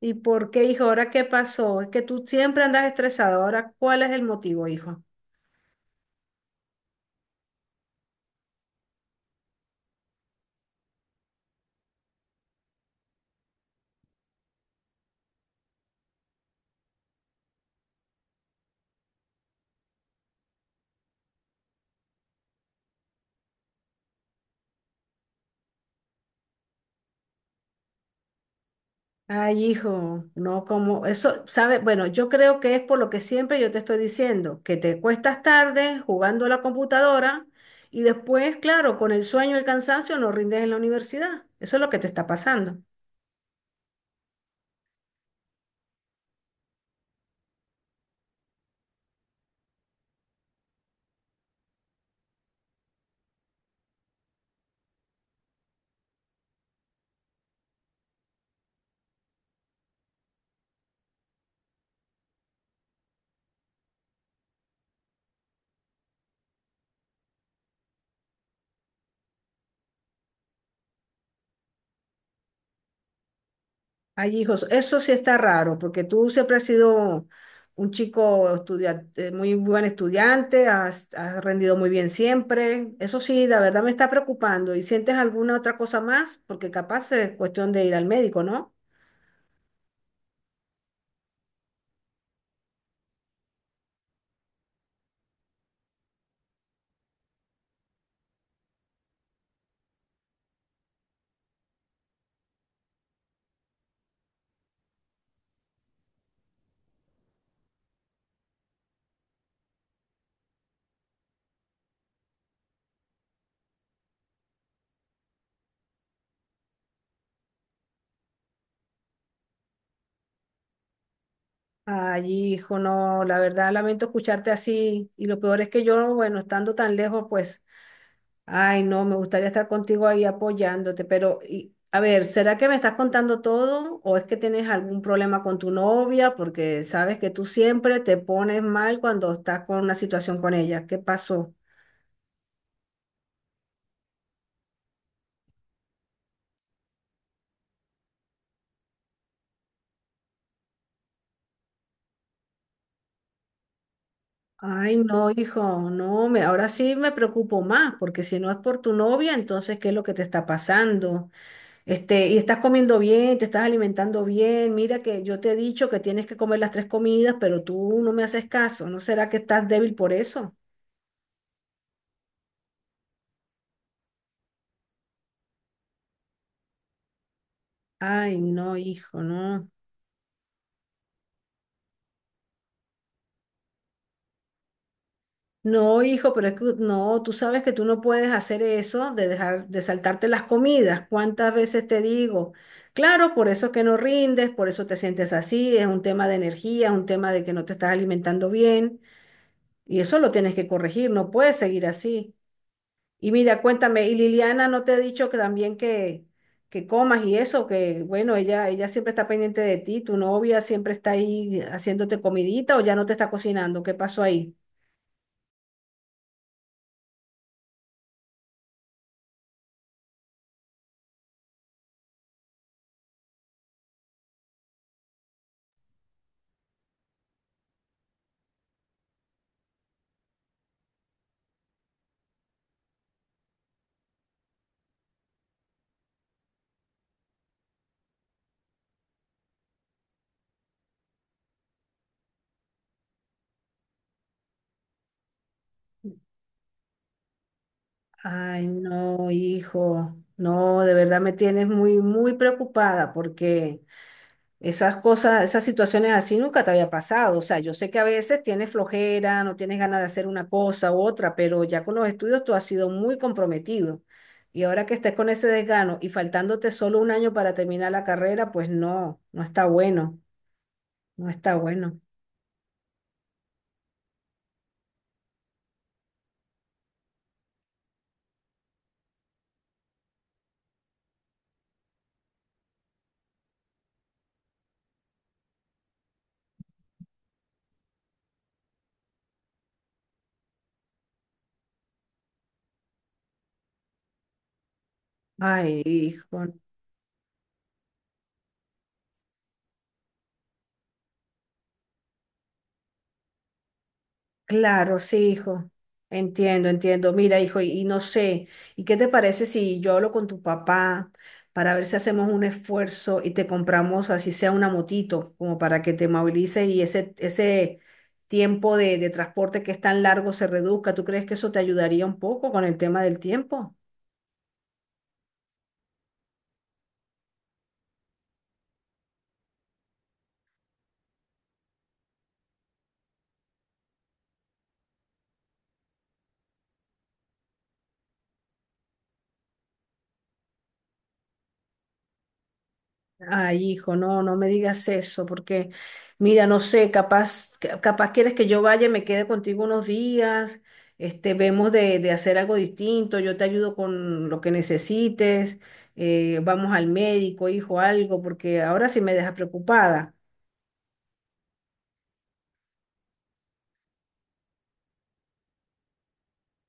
¿Y por qué, hijo? ¿Ahora qué pasó? Es que tú siempre andas estresado. ¿Ahora cuál es el motivo, hijo? Ay, hijo, no como eso, sabe. Bueno, yo creo que es por lo que siempre yo te estoy diciendo, que te cuestas tarde jugando a la computadora y después, claro, con el sueño y el cansancio no rindes en la universidad. Eso es lo que te está pasando. Ay, hijos, eso sí está raro, porque tú siempre has sido un chico estudiante, muy buen estudiante, has rendido muy bien siempre. Eso sí, la verdad me está preocupando. ¿Y sientes alguna otra cosa más? Porque capaz es cuestión de ir al médico, ¿no? Ay, hijo, no, la verdad lamento escucharte así. Y lo peor es que yo, bueno, estando tan lejos, pues ay, no, me gustaría estar contigo ahí apoyándote, pero y, a ver, ¿será que me estás contando todo o es que tienes algún problema con tu novia? Porque sabes que tú siempre te pones mal cuando estás con una situación con ella. ¿Qué pasó? Ay, no, hijo, no, me, ahora sí me preocupo más, porque si no es por tu novia, entonces, ¿qué es lo que te está pasando? Este, y estás comiendo bien, te estás alimentando bien. Mira que yo te he dicho que tienes que comer las tres comidas, pero tú no me haces caso. ¿No será que estás débil por eso? Ay, no, hijo, no. No, hijo, pero es que no, tú sabes que tú no puedes hacer eso de dejar de saltarte las comidas. ¿Cuántas veces te digo? Claro, por eso es que no rindes, por eso te sientes así, es un tema de energía, es un tema de que no te estás alimentando bien y eso lo tienes que corregir, no puedes seguir así. Y mira, cuéntame, ¿y Liliana no te ha dicho que también que comas y eso, que bueno, ella siempre está pendiente de ti, tu novia siempre está ahí haciéndote comidita o ya no te está cocinando? ¿Qué pasó ahí? Ay, no, hijo, no, de verdad me tienes muy, muy preocupada porque esas cosas, esas situaciones así nunca te había pasado. O sea, yo sé que a veces tienes flojera, no tienes ganas de hacer una cosa u otra, pero ya con los estudios tú has sido muy comprometido. Y ahora que estés con ese desgano y faltándote solo un año para terminar la carrera, pues no, no está bueno, no está bueno. Ay, hijo. Claro, sí, hijo. Entiendo, entiendo. Mira, hijo, y no sé, ¿y qué te parece si yo hablo con tu papá para ver si hacemos un esfuerzo y te compramos, así sea una motito, como para que te movilices y ese tiempo de transporte que es tan largo se reduzca? ¿Tú crees que eso te ayudaría un poco con el tema del tiempo? Ay, hijo, no, no me digas eso, porque mira, no sé, capaz, capaz quieres que yo vaya y me quede contigo unos días, este, vemos de hacer algo distinto, yo te ayudo con lo que necesites, vamos al médico, hijo, algo, porque ahora sí me dejas preocupada.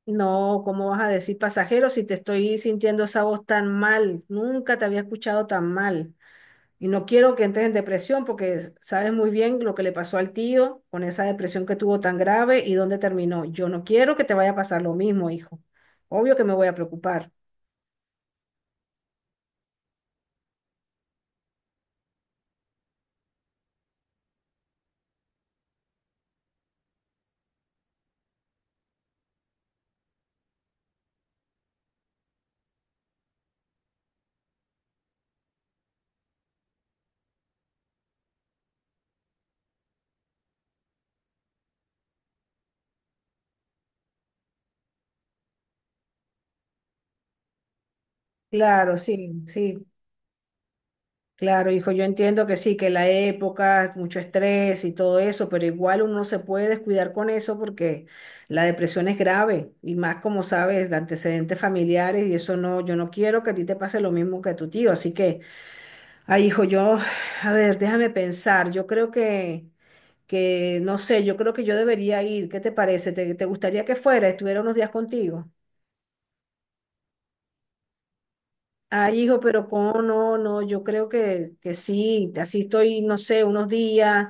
No, ¿cómo vas a decir pasajero si te estoy sintiendo esa voz tan mal? Nunca te había escuchado tan mal. Y no quiero que entres en depresión porque sabes muy bien lo que le pasó al tío con esa depresión que tuvo tan grave y dónde terminó. Yo no quiero que te vaya a pasar lo mismo, hijo. Obvio que me voy a preocupar. Claro, sí, sí, claro, hijo. Yo entiendo que sí, que la época, mucho estrés y todo eso, pero igual uno no se puede descuidar con eso porque la depresión es grave y más como sabes, de antecedentes familiares y eso no, yo no quiero que a ti te pase lo mismo que a tu tío. Así que... Ay, hijo, yo, a ver, déjame pensar. Yo creo que, no sé, yo creo que yo debería ir. ¿Qué te parece? ¿Te, te gustaría que fuera, estuviera unos días contigo? Ay, hijo, pero cómo no, no, yo creo que sí, así estoy, no sé, unos días,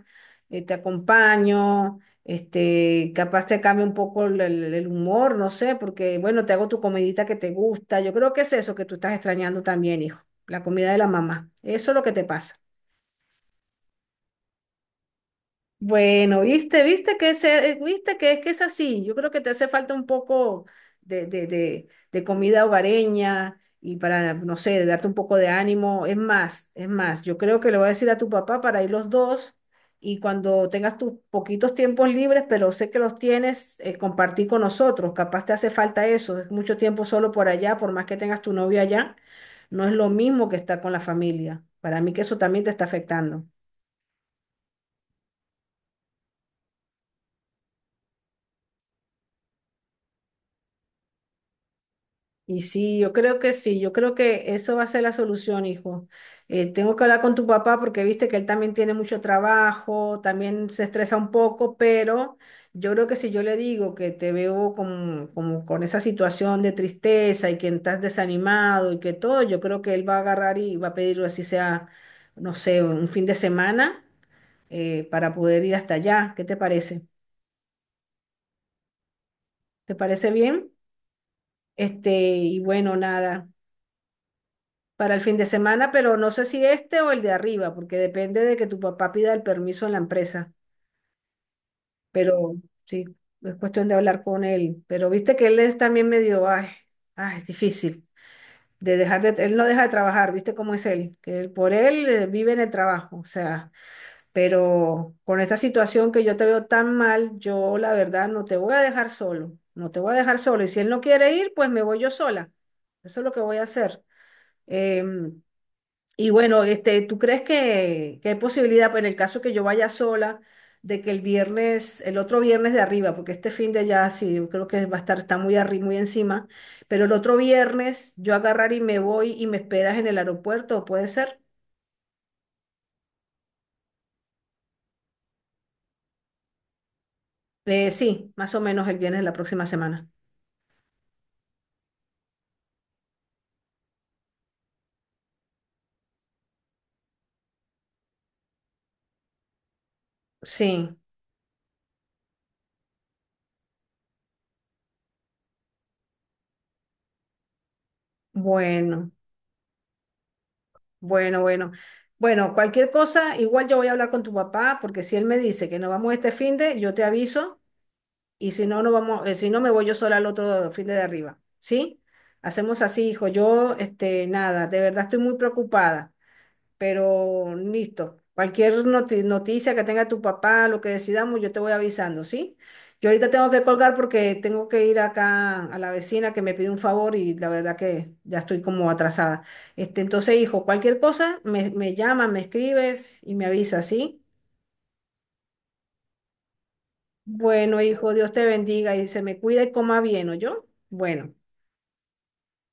te acompaño, este, capaz te cambie un poco el, el humor, no sé, porque, bueno, te hago tu comidita que te gusta. Yo creo que es eso que tú estás extrañando también, hijo, la comida de la mamá. Eso es lo que te pasa. Bueno, viste, viste que viste que es así. Yo creo que te hace falta un poco de comida hogareña y para, no sé, darte un poco de ánimo. Es más, yo creo que le voy a decir a tu papá para ir los dos y cuando tengas tus poquitos tiempos libres, pero sé que los tienes, compartir con nosotros. Capaz te hace falta eso. Es mucho tiempo solo por allá, por más que tengas tu novio allá, no es lo mismo que estar con la familia. Para mí que eso también te está afectando. Y sí, yo creo que sí, yo creo que eso va a ser la solución, hijo. Tengo que hablar con tu papá porque viste que él también tiene mucho trabajo, también se estresa un poco, pero yo creo que si yo le digo que te veo con esa situación de tristeza y que estás desanimado y que todo, yo creo que él va a agarrar y va a pedir así sea, no sé, un fin de semana para poder ir hasta allá. ¿Qué te parece? ¿Te parece bien? Este, y bueno, nada. Para el fin de semana, pero no sé si este o el de arriba, porque depende de que tu papá pida el permiso en la empresa. Pero sí, es cuestión de hablar con él. Pero viste que él es también medio, ay, ay, es difícil de dejar de, él no deja de trabajar, viste cómo es él, que por él vive en el trabajo, o sea, pero con esta situación que yo te veo tan mal, yo la verdad no te voy a dejar solo, no te voy a dejar solo. Y si él no quiere ir, pues me voy yo sola. Eso es lo que voy a hacer. Em, Y bueno, este, ¿tú crees que hay posibilidad, pues, en el caso que yo vaya sola, de que el viernes, el otro viernes de arriba, porque este fin de ya sí, yo creo que va a estar, está muy arriba, muy encima, pero el otro viernes yo agarrar y me voy y me esperas en el aeropuerto, ¿puede ser? Sí, más o menos el viernes de la próxima semana. Sí, bueno, bueno, bueno. Bueno, cualquier cosa, igual yo voy a hablar con tu papá, porque si él me dice que no vamos este fin de, yo te aviso y si no, no vamos, si no me voy yo sola al otro fin de arriba, ¿sí? Hacemos así, hijo. Yo, este, nada, de verdad estoy muy preocupada, pero listo. Cualquier noticia que tenga tu papá, lo que decidamos, yo te voy avisando, ¿sí? Yo ahorita tengo que colgar porque tengo que ir acá a la vecina que me pide un favor y la verdad que ya estoy como atrasada. Este, entonces, hijo, cualquier cosa, me llamas, me escribes y me avisas, ¿sí? Bueno, hijo, Dios te bendiga y se me cuida y coma bien, ¿oyó? Bueno.